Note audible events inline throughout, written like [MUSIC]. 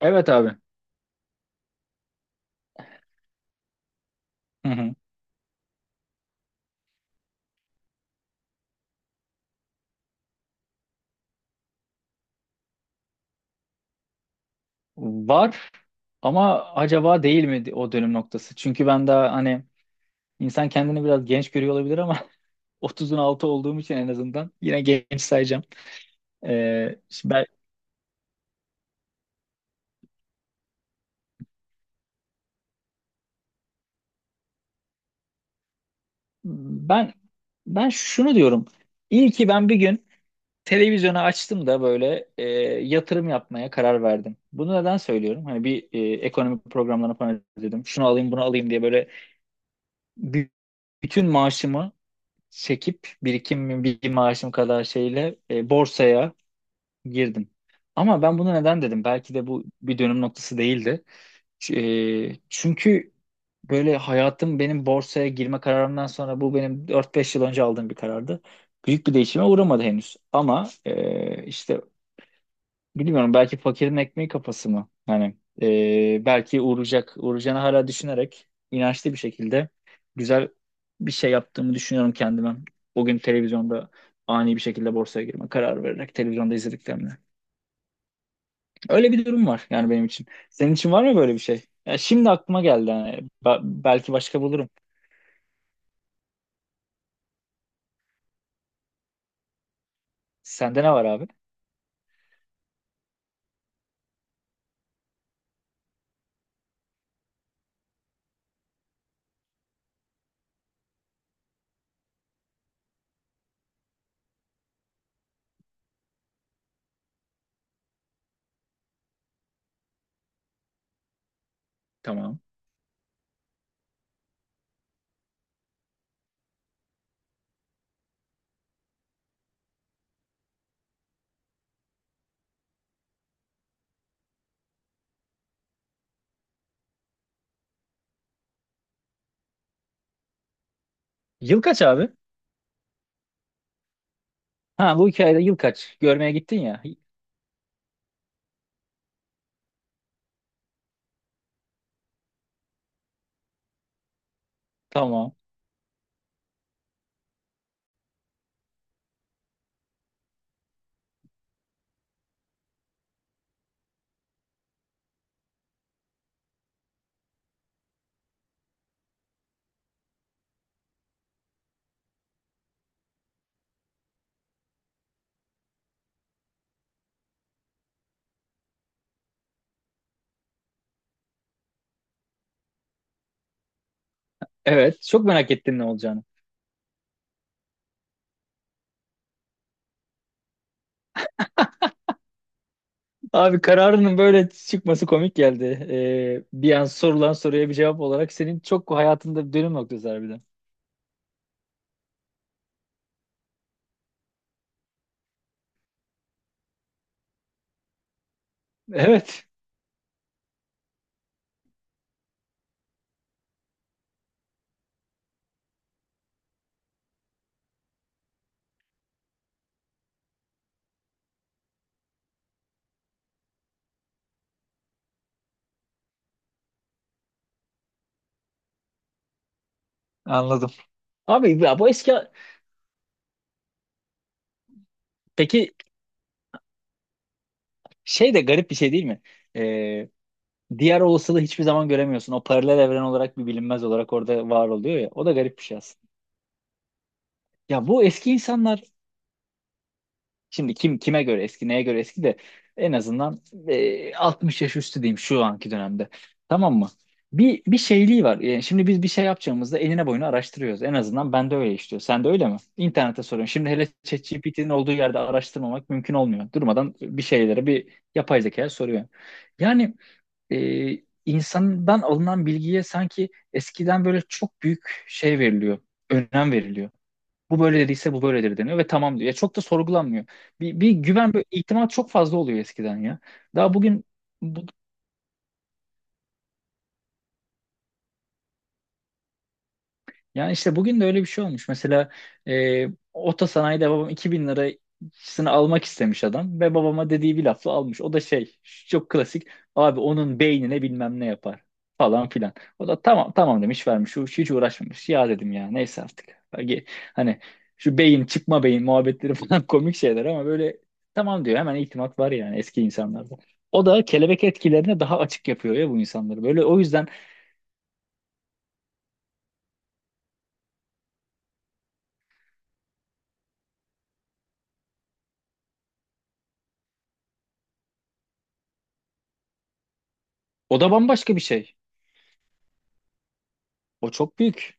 Evet abi. Hı hı. Var ama acaba değil mi o dönüm noktası? Çünkü ben daha hani insan kendini biraz genç görüyor olabilir ama [LAUGHS] 30'un altı olduğum için en azından yine genç sayacağım. Şimdi ben, ben ben şunu diyorum. İyi ki ben bir gün televizyonu açtım da böyle yatırım yapmaya karar verdim. Bunu neden söylüyorum? Hani bir ekonomi programlarını falan izledim. Şunu alayım, bunu alayım diye böyle bü- bütün maaşımı çekip birikimim bir maaşım kadar şeyle borsaya girdim. Ama ben bunu neden dedim? Belki de bu bir dönüm noktası değildi. Ç- Çünkü böyle hayatım benim borsaya girme kararımdan sonra bu benim 4 5 yıl önce aldığım bir karardı. Büyük bir değişime uğramadı henüz. Ama işte bilmiyorum, belki fakirin ekmeği kafası mı? Hani belki uğrayacak, uğrayacağını hala düşünerek inançlı bir şekilde güzel bir şey yaptığımı düşünüyorum kendime. O gün televizyonda ani bir şekilde borsaya girme kararı vererek televizyonda izlediklerimle. Öyle bir durum var yani benim için. Senin için var mı böyle bir şey? Ya şimdi aklıma geldi hani. Belki başka bulurum. Sende ne var abi? Tamam. Yıl kaç abi? Ha bu hikayede yıl kaç? Görmeye gittin ya. Tamam. Evet. Çok merak ettin ne olacağını. Abi kararının böyle çıkması komik geldi. Bir an sorulan soruya bir cevap olarak senin çok hayatında bir dönüm noktası harbiden. [LAUGHS] Evet. Anladım. Abi ya bu eski... Peki şey de garip bir şey değil mi? Ee, Diğer olasılığı hiçbir zaman göremiyorsun. O paralel evren olarak bir bilinmez olarak orada var oluyor ya. O da garip bir şey aslında. Ya bu eski insanlar, şimdi kim kime göre eski, neye göre eski de en azından 60 yaş üstü diyeyim şu anki dönemde. Tamam mı? Bir bir şeyliği var. Yani şimdi biz bir şey yapacağımızda eline boyunu araştırıyoruz. En azından ben de öyle işliyor. Sen de öyle mi? İnternete soruyorum. Şimdi hele ChatGPT'nin olduğu yerde araştırmamak mümkün olmuyor. Durmadan bir şeylere bir yapay zekaya soruyor. Yani e, insandan alınan bilgiye sanki eskiden böyle çok büyük şey veriliyor, önem veriliyor. Bu böyle dediyse bu böyledir deniyor ve tamam diyor. Ya çok da sorgulanmıyor. Bir, bir güven, bir ihtimal çok fazla oluyor eskiden ya. Daha bugün bu- Yani işte bugün de öyle bir şey olmuş. Mesela e, otosanayide babam 2000 lirasını almak istemiş adam ve babama dediği bir lafla almış. O da şey, çok klasik, abi onun beynine bilmem ne yapar falan filan. O da tamam tamam demiş vermiş. Hiç, hiç uğraşmamış. Ya dedim ya neyse artık. Belki hani şu beyin çıkma beyin muhabbetleri falan [LAUGHS] komik şeyler ama böyle tamam diyor, hemen itimat var yani eski insanlarda. O da kelebek etkilerine daha açık yapıyor ya bu insanları. Böyle o yüzden o da bambaşka bir şey. O çok büyük.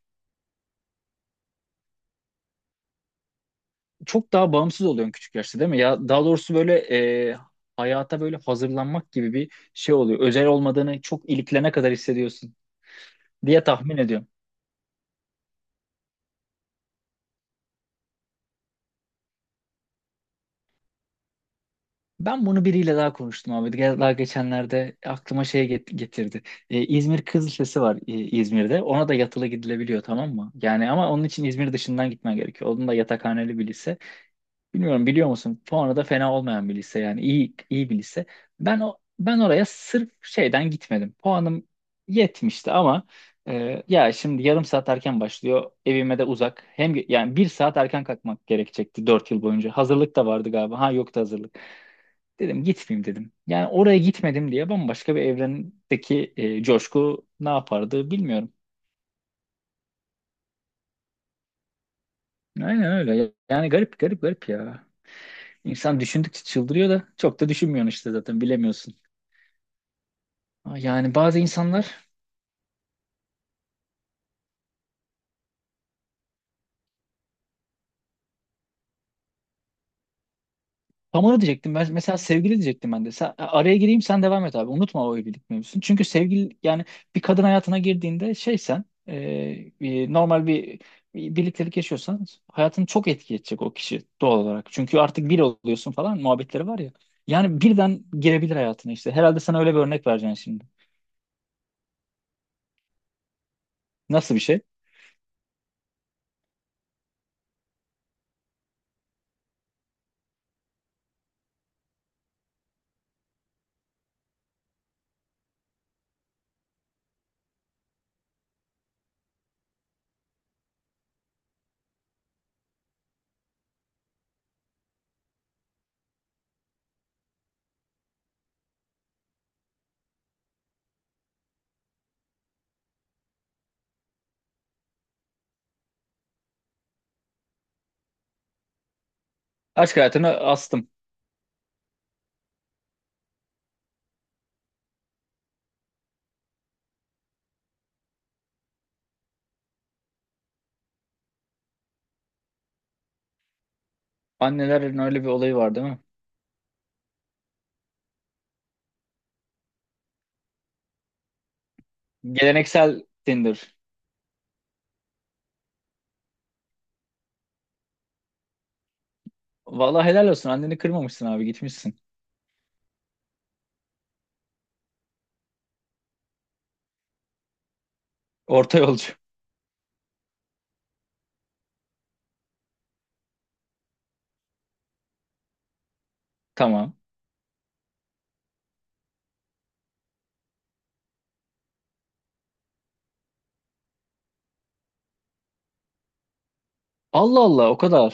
Çok daha bağımsız oluyorsun küçük yaşta değil mi? Ya daha doğrusu böyle e, hayata böyle hazırlanmak gibi bir şey oluyor. Özel olmadığını çok iliklene kadar hissediyorsun diye tahmin ediyorum. Ben bunu biriyle daha konuştum abi. Daha geçenlerde aklıma şey getirdi. E, İzmir Kız Lisesi var İzmir'de. Ona da yatılı gidilebiliyor tamam mı? Yani ama onun için İzmir dışından gitmen gerekiyor. Onun da yatakhaneli bir lise. Bilmiyorum biliyor musun? Puanı da fena olmayan bir lise yani iyi bir lise. Ben oraya sırf şeyden gitmedim. Puanım yetmişti ama ya şimdi yarım saat erken başlıyor. Evime de uzak. Hem yani 1 saat erken kalkmak gerekecekti 4 yıl boyunca. Hazırlık da vardı galiba. Ha yoktu hazırlık. Dedim gitmeyeyim dedim. Yani oraya gitmedim diye bambaşka bir evrendeki coşku ne yapardı bilmiyorum. Aynen öyle. Yani garip garip garip ya. İnsan düşündükçe çıldırıyor da çok da düşünmüyorsun işte zaten bilemiyorsun. Yani bazı insanlar tamamı diyecektim. Ben mesela sevgili diyecektim ben de. Sen, araya gireyim sen devam et abi. Unutma o evlilik mevzusunu. Çünkü sevgili yani bir kadın hayatına girdiğinde şey sen normal bir, bir birliktelik yaşıyorsan hayatını çok etki edecek o kişi doğal olarak. Çünkü artık bir oluyorsun falan muhabbetleri var ya. Yani birden girebilir hayatına işte. Herhalde sana öyle bir örnek vereceksin şimdi. Nasıl bir şey? Aşk hayatına astım. Annelerin öyle bir olayı var değil mi? Geleneksel Tinder. Vallahi helal olsun. Anneni kırmamışsın abi gitmişsin. Orta yolcu. Tamam. Allah Allah o kadar.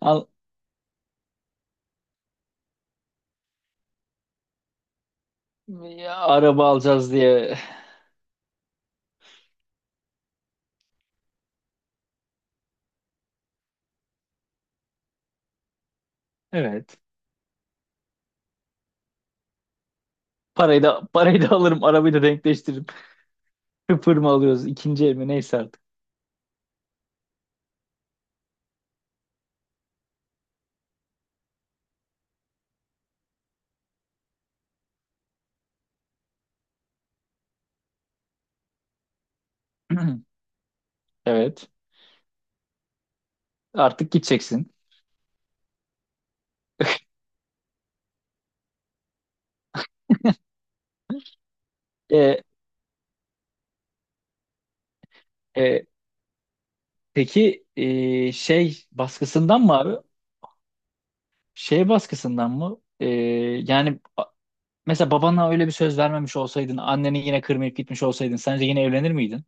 Al, ya, araba alacağız diye. Evet. Parayı da alırım. Arabayı da denkleştiririm. [LAUGHS] Sıfır mı alıyoruz? İkinci el mi? Neyse artık. [CLEARS THROAT] Evet. Artık gideceksin. E, e, peki şey baskısından mı abi? Şey baskısından mı? Yani mesela babana öyle bir söz vermemiş olsaydın, anneni yine kırmayıp gitmiş olsaydın, sence yine evlenir miydin?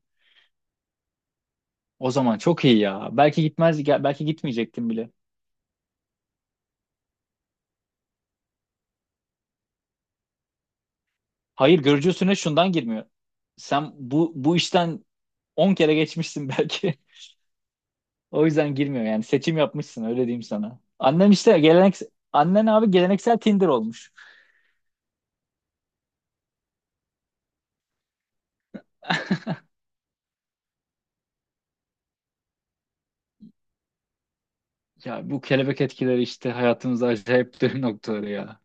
O zaman çok iyi ya. Belki gitmez, belki gitmeyecektin bile. Hayır görücü usulüne şundan girmiyor. Sen bu işten 10 kere geçmişsin belki. [LAUGHS] O yüzden girmiyor yani seçim yapmışsın öyle diyeyim sana. Annem işte annen abi geleneksel Tinder olmuş. Ya bu kelebek etkileri işte hayatımızda acayip [LAUGHS] dönüm noktaları ya.